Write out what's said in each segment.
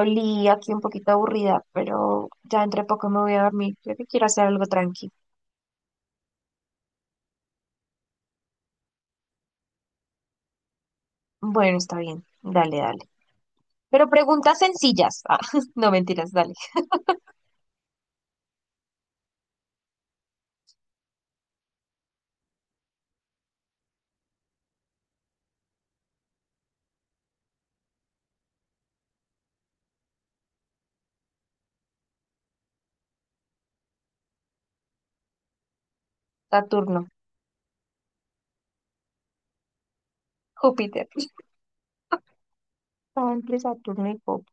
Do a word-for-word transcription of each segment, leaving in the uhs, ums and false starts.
Oli, aquí un poquito aburrida, pero ya entre poco me voy a dormir. Creo que quiero hacer algo tranqui. Bueno, está bien. Dale, dale. Pero preguntas sencillas. Ah, no mentiras, dale. Saturno, Júpiter. Estaba entre Saturno y Júpiter.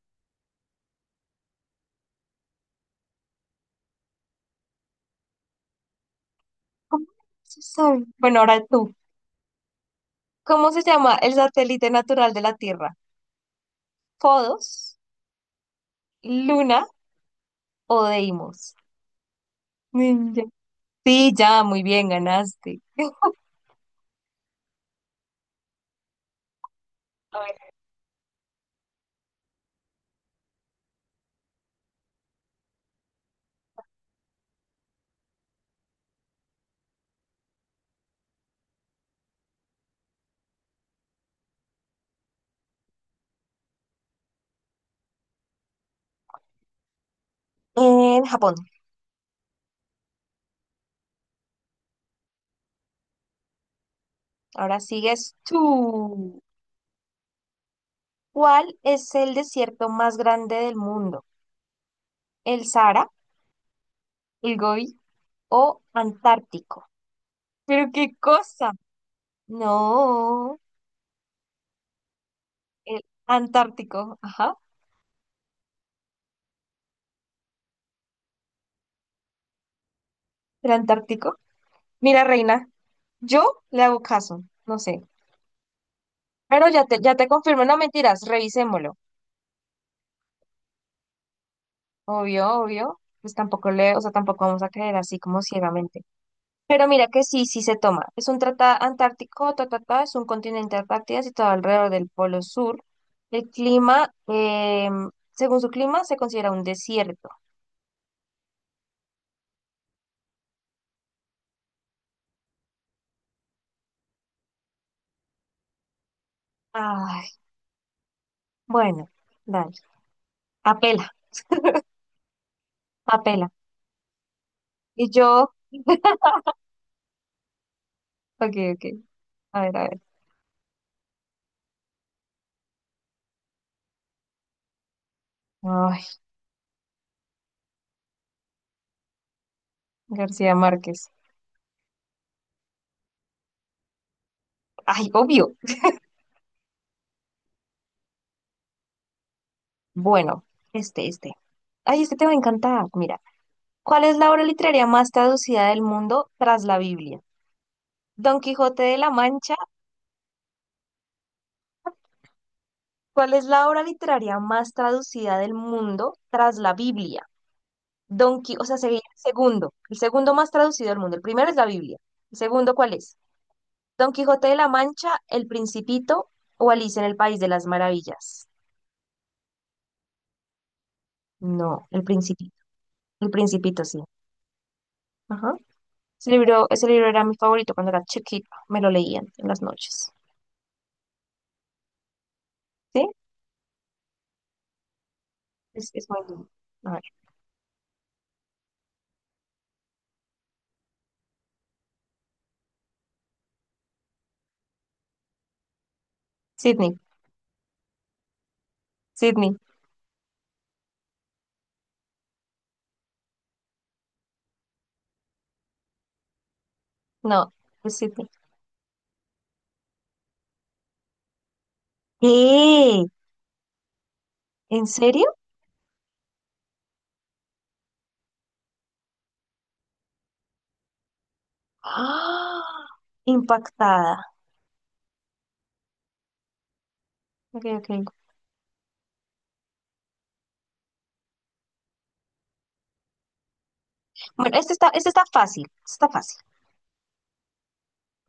¿Cómo se sabe? Bueno, ahora tú. ¿Cómo se llama el satélite natural de la Tierra? ¿Podos, Luna o Deimos? Ninja. Sí, ya, muy bien, ganaste. A ver. En Japón. Ahora sigues tú. ¿Cuál es el desierto más grande del mundo? ¿El Sahara, el Gobi o Antártico? ¿Pero qué cosa? No, el Antártico. Ajá, el Antártico. Mira, reina, yo le hago caso, no sé. Pero ya te, ya te confirmo, no mentiras, revisémoslo. Obvio, obvio. Pues tampoco le, o sea, tampoco vamos a creer así como ciegamente. Pero mira que sí, sí se toma. Es un tratado antártico, ta, ta, ta, es un continente Antártida situado alrededor del Polo Sur. El clima, em, según su clima, se considera un desierto. Ay, bueno, dale. Apela, apela. Y yo, ok, ok. A ver, a ver. Ay, García Márquez. Ay, obvio. Bueno, este, este. Ay, este te va a encantar. Mira, ¿cuál es la obra literaria más traducida del mundo tras la Biblia? Don Quijote de la Mancha, ¿cuál es la obra literaria más traducida del mundo tras la Biblia? Don Quijote, o sea, sería el segundo, el segundo más traducido del mundo. El primero es la Biblia. ¿El segundo cuál es? Don Quijote de la Mancha, El Principito o Alicia en el País de las Maravillas. No, El Principito. El Principito, sí. Ajá. Ese libro, ese libro era mi favorito cuando era chiquita. Me lo leían en las noches. ¿Sí? Es, es muy lindo. A ver. Sydney. Sydney. No, es Sydney. ¿Qué? ¿En serio? ¡Ah! Impactada. Ok, ok. Bueno, este está, este está fácil, este está fácil.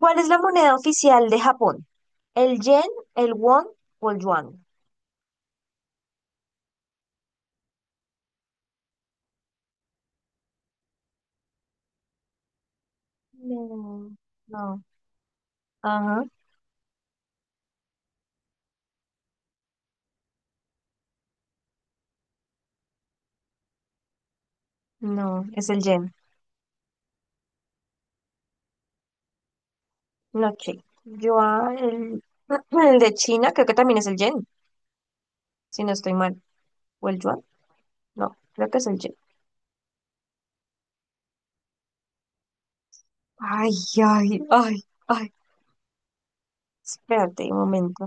¿Cuál es la moneda oficial de Japón? ¿El yen, el won o el yuan? No, no. Ajá, no, es el yen. No, che. Yuan, el, el de China, creo que también es el yen, si no estoy mal. ¿O el yuan? No, creo que es el yen. Ay, ay, ay, ay. Espérate un momento.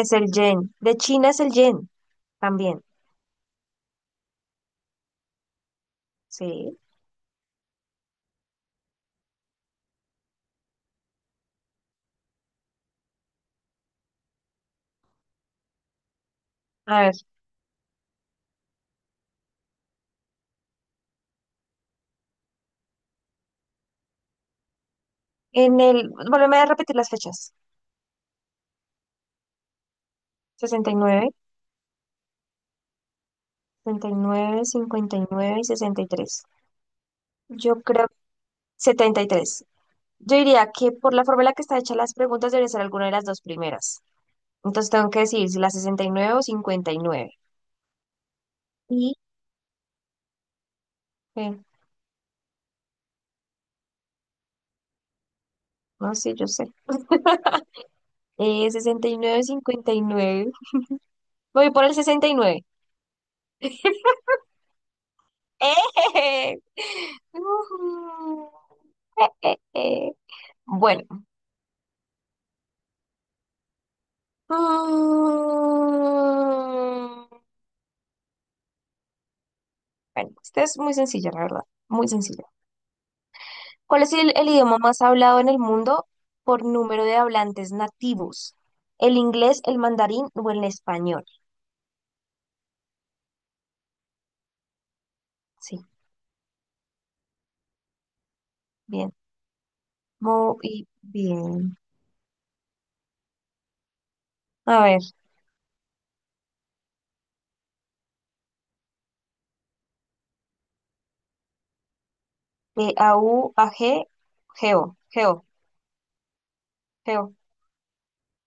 Es el yen. De China es el yen también. Sí. A ver, en el, volveme a repetir las fechas. Sesenta y nueve, cincuenta y nueve y nueve, nueve cincuenta y y y sesenta y tres. Yo creo setenta y tres. Yo diría que por la forma en la que está hecha las preguntas debe ser alguna de las dos primeras. Entonces tengo que decir si la sesenta y nueve o cincuenta y nueve. Y, eh, no sé, yo sé. Eh, sesenta y nueve. Cincuenta y nueve. Voy por el sesenta y nueve. ¡Eh! Ujú. Eh, eh, eh. Bueno. Mm. Bueno, esta es muy sencilla, la verdad, muy sencilla. ¿Cuál es el, el idioma más hablado en el mundo por número de hablantes nativos? ¿El inglés, el mandarín o el español? Sí, bien, muy bien. A ver, eh, A, U, A, G, Geo, Geo, Geo.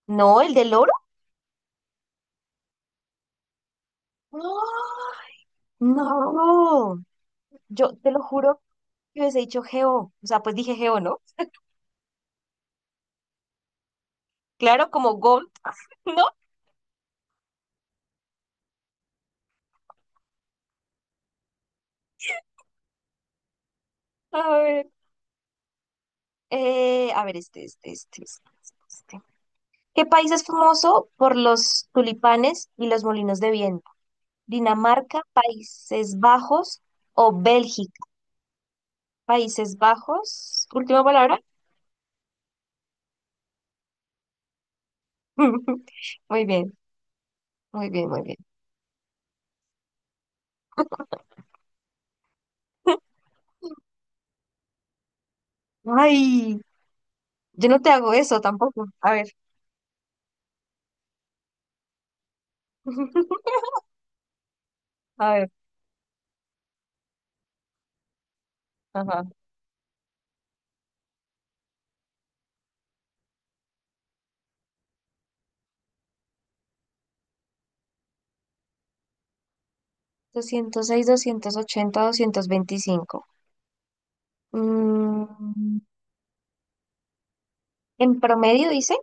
No, el del oro. No, no. Yo te lo juro que hubiese dicho Geo. O sea, pues dije Geo, ¿no? Claro, como Gold, ¿no? A ver, eh, a ver, este, este, este, este. este. ¿Qué país es famoso por los tulipanes y los molinos de viento? ¿Dinamarca, Países Bajos o Bélgica? Países Bajos, última palabra. Muy bien, muy bien, muy bien. Ay, yo no te hago eso tampoco. A ver, a ver, ajá. doscientos seis, doscientos ochenta, doscientos veinticinco. Mm, en promedio, dice.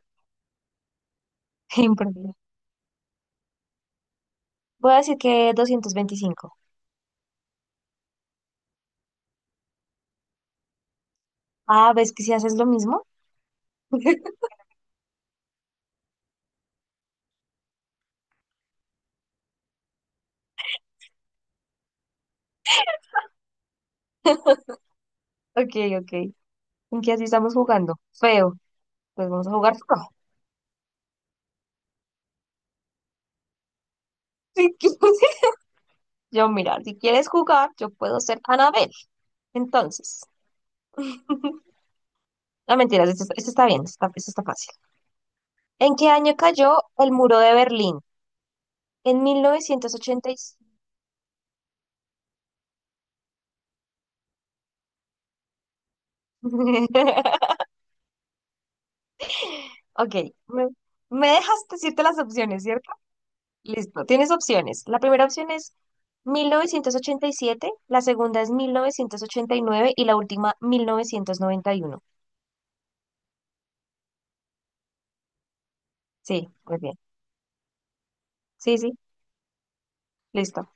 En promedio. Voy a decir que doscientos veinticinco. Ah, ¿ves que si haces lo mismo? Ok, ok. En que así estamos jugando. Feo. Pues vamos a jugar feo. Si quieres- yo, mira, si quieres jugar, yo puedo ser Anabel. Entonces, no mentiras, esto, esto está bien, esto está, esto está fácil. ¿En qué año cayó el muro de Berlín? En mil novecientos ochenta y seis. Ok, me, me dejas decirte las opciones, ¿cierto? Listo, tienes opciones. La primera opción es mil novecientos ochenta y siete. La segunda es mil novecientos ochenta y nueve y la última mil novecientos noventa y uno. Sí, muy bien. Sí, sí. Listo.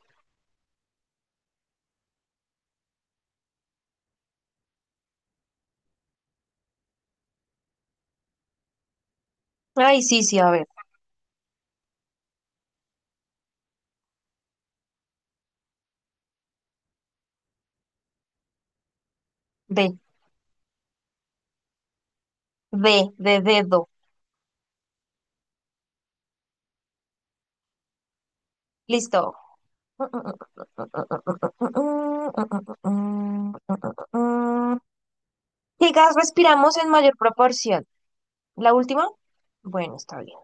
Ay, sí, sí, a ver. D, D, de dedo. Listo. ¿Qué gas respiramos en mayor proporción? ¿La última? Bueno, está bien.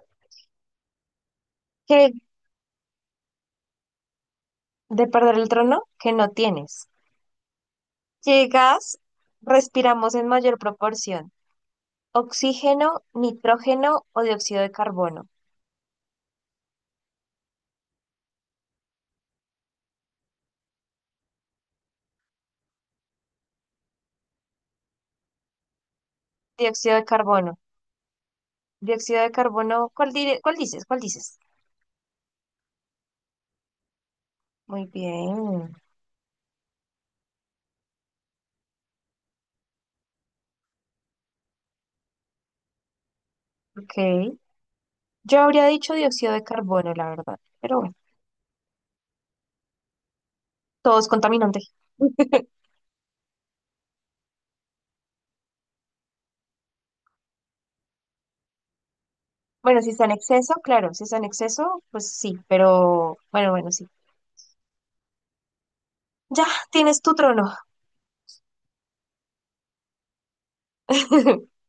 ¿Qué, de perder el trono? Que no tienes. ¿Qué gas respiramos en mayor proporción? ¿Oxígeno, nitrógeno o dióxido de carbono? Dióxido de carbono. Dióxido de carbono, ¿cuál, dire- cuál dices? ¿Cuál dices? Muy bien. Ok. Yo habría dicho dióxido de carbono, la verdad, pero bueno, todo es contaminante. Bueno, si está en exceso, claro, si está en exceso, pues sí, pero bueno, bueno, sí. Ya, tienes tu trono.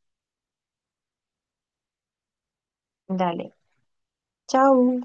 Dale, chao.